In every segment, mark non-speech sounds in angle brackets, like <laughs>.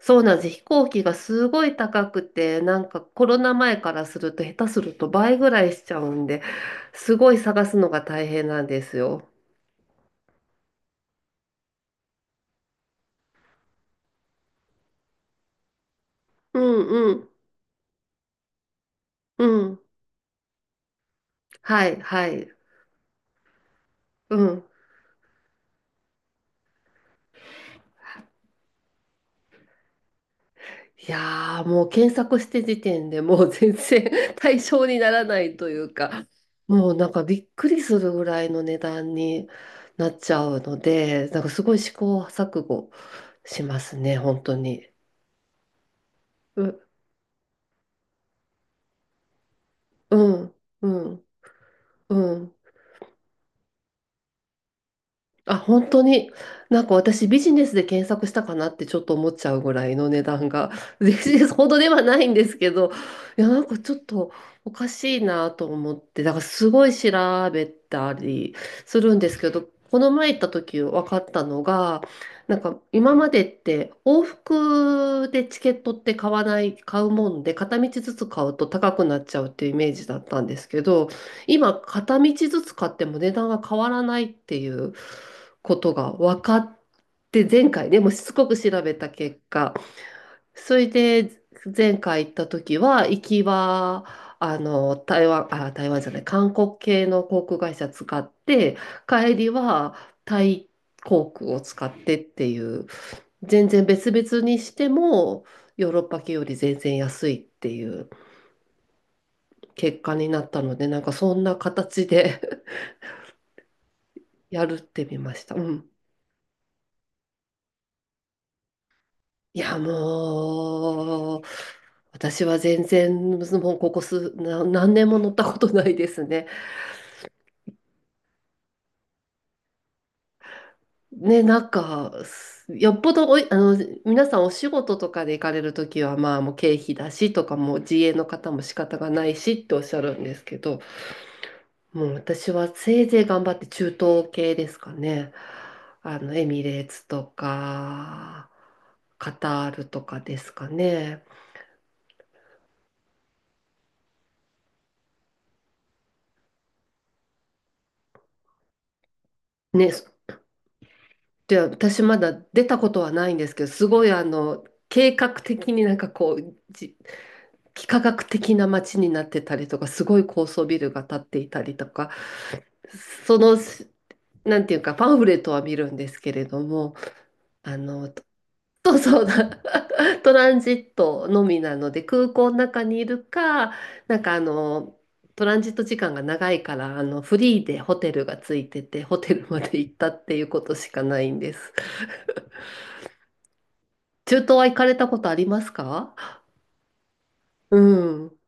そうなんです。飛行機がすごい高くて、なんかコロナ前からすると下手すると倍ぐらいしちゃうんで、すごい探すのが大変なんですよ。うんうんうん。はいはい。うん。いやー、もう検索して時点でもう全然 <laughs> 対象にならないというか、もうなんかびっくりするぐらいの値段になっちゃうので、なんかすごい試行錯誤しますね、本当に。う、うん、うん、うん。あ、本当に？なんか私ビジネスで検索したかなってちょっと思っちゃうぐらいの値段が、<laughs> ビジネスほどではないんですけど、いや、なんかちょっとおかしいなと思って、だからすごい調べたりするんですけど、この前行った時分かったのが、なんか今までって往復でチケットって買わない、買うもんで、片道ずつ買うと高くなっちゃうっていうイメージだったんですけど、今、片道ずつ買っても値段が変わらないっていうことが分かって、前回ね、もうしつこく調べた結果、それで前回行った時は、行きは、台湾、あ、台湾じゃない、韓国系の航空会社使って、帰りはタイ航空を使ってっていう、全然別々にしても、ヨーロッパ系より全然安いっていう結果になったので、なんかそんな形でやるってみました。うん。いや、もう、私は全然、もうここ数、何年も乗ったことないですね。ね、なんか、すよっぽどおい、皆さんお仕事とかで行かれるときは、まあ、もう経費だしとか、もう自営の方も仕方がないしっておっしゃるんですけど、もう私はせいぜい頑張って中東系ですかね。エミレーツとか、カタールとかですかね。ね、で、私まだ出たことはないんですけど、すごい計画的になんかこう、幾何学的な街になってたりとか、すごい高層ビルが建っていたりとか、その、なんていうか、パンフレットは見るんですけれども、あの、<laughs> そうそうだ、<laughs> トランジットのみなので、空港の中にいるか、なんかトランジット時間が長いから、フリーでホテルがついてて、ホテルまで行ったっていうことしかないんです。中東は行かれたことありますか？うん。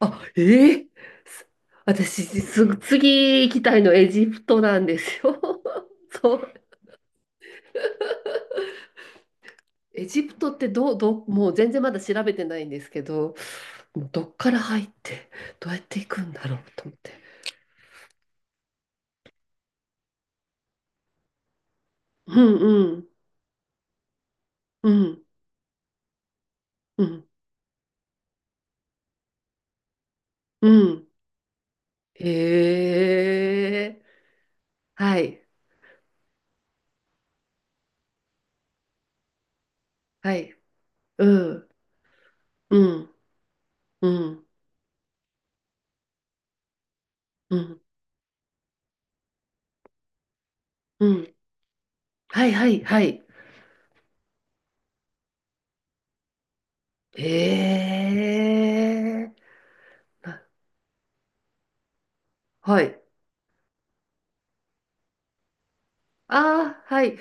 あ、ええ、す私、次行きたいのエジプトなんですよ。<laughs> そう。エジプトってどう、もう全然まだ調べてないんですけど、もうどっから入って、どうやって行くんだろうと思って。うんうん、うん、うん、うん。ええ、はい、はい、うん、うん、うん、うん、うん。はい、はい、はい。ええ、あ、はい。ああ、はい。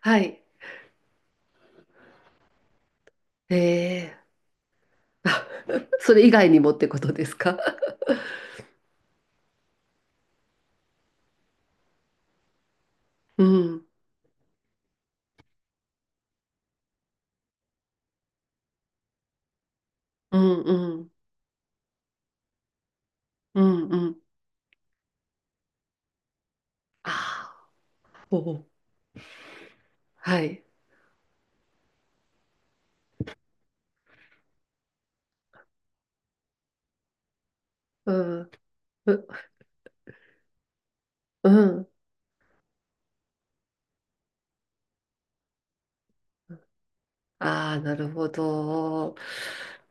はい。ええ。あ、 <laughs> それ以外にもってことですか？うん。うん、うん。うん、うん。ああ、おお。はい。うん。う、うん。ああ、なるほど。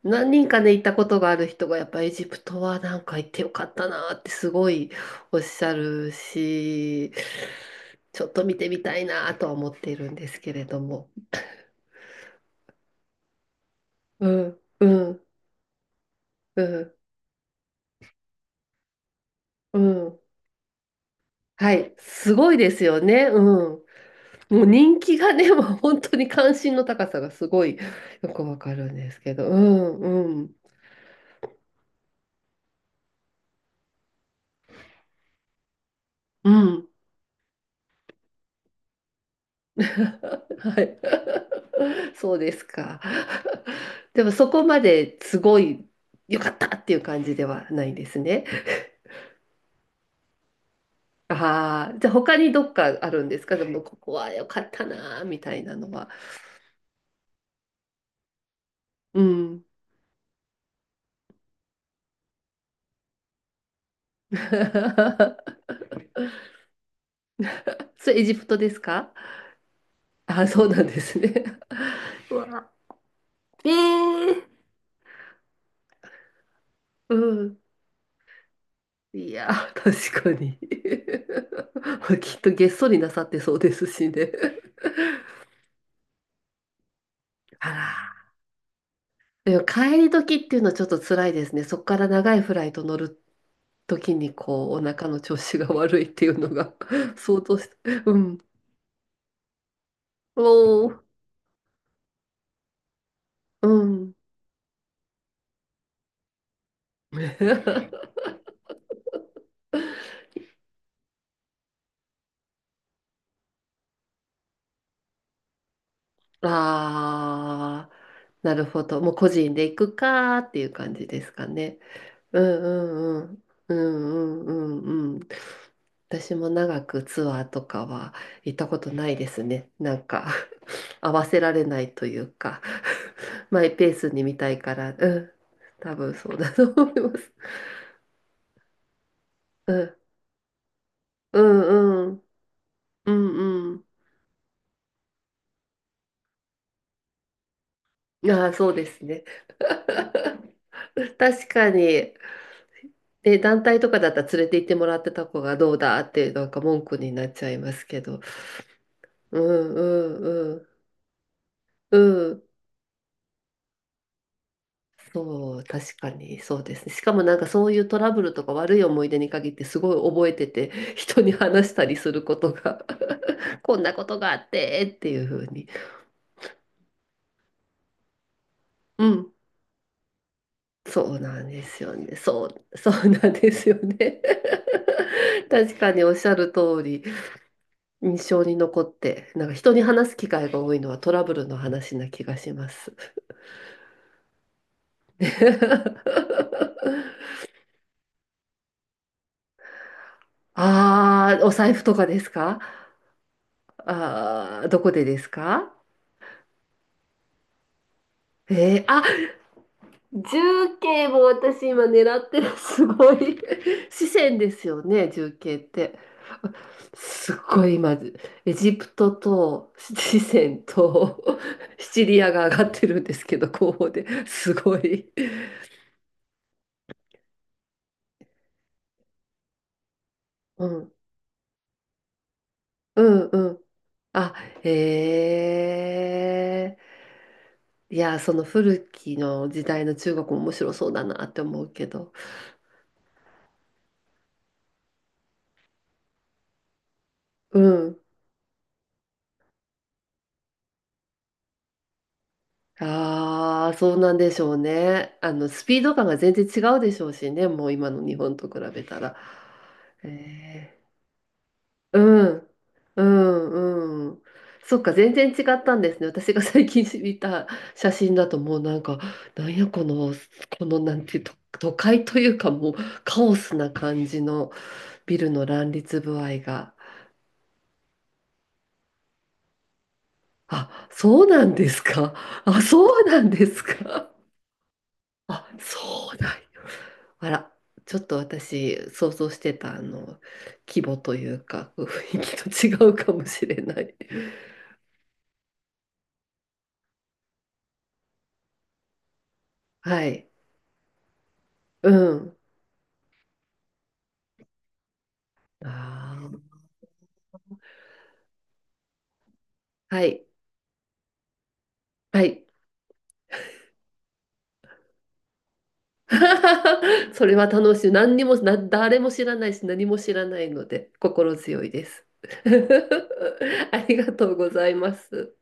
何人かね、行ったことがある人が、やっぱエジプトはなんか行ってよかったなってすごいおっしゃるし、ちょっと見てみたいなとは思っているんですけれども。うん、うん、うん、うん。はい、すごいですよね。うん。もう人気がね、<laughs> もう本当に関心の高さがすごいよくわかるんですけど、うん、うん、うん。<laughs> はい。<laughs> そうですか。<laughs> でもそこまですごい良かったっていう感じではないんですね。ああ、じゃあ他にどっかあるんですか？でもここは良かったなーみたいなのは。うん。<laughs> それエジプトですか？ああ、そうなんですね。<laughs> うん。いやー、<laughs> 確かに。<laughs> きっとげっそりなさってそうですしね。<laughs> あら。でも帰り時っていうのはちょっと辛いですね。そこから長いフライト乗る時にこう、お腹の調子が悪いっていうのが <laughs> 相当し、うん。おー、うん。<laughs> ああ、なるほど。もう個人で行くかーっていう感じですかね。うんうんうんうんうんうんうん。私も長くツアーとかは行ったことないですね。なんか <laughs> 合わせられないというか <laughs> マイペースに見たいから、うん、多分そうだと思います。うん、うんうんうんうん。ああー、そうですね。<laughs> 確かに。で、団体とかだったら連れて行ってもらってた子がどうだってなんか文句になっちゃいますけど。うんうんうんうん。そう、確かにそうですね。しかもなんかそういうトラブルとか悪い思い出に限ってすごい覚えてて、<laughs> 人に話したりすることが <laughs> こんなことがあってっていうふうに。うん、そうなんですよね。そう、そうなんですよね。<laughs> 確かにおっしゃる通り、印象に残って、なんか人に話す機会が多いのはトラブルの話な気がします。<laughs> ああ、お財布とかですか？ああー、どこでですか？えー、あ、重慶も私今狙ってる。<laughs> すごい。四川ですよね、重慶って。すごい今、エジプトと四川とシチリアが上がってるんですけど、候補で。すごい。うん、うん、うん。あ、えー。いや、その古きの時代の中国も面白そうだなって思うけど。うん。ああ、そうなんでしょうね。スピード感が全然違うでしょうしね、もう今の日本と比べたら。えー、うん、うん、うん。そっか、全然違ったんですね。私が最近見た写真だともうなんか、なんやこの、このなんていうと、都会というかもうカオスな感じのビルの乱立具合が。あ、そうなんですか。あ、そうなんですか。あ、そうなんや。あら、ちょっと私、想像してた、規模というか、雰囲気と違うかもしれない。<laughs> はい。うん。あー、はい。はい。<laughs> それは楽しい。何にも、誰も知らないし、何も知らないので、心強いです。<laughs> ありがとうございます。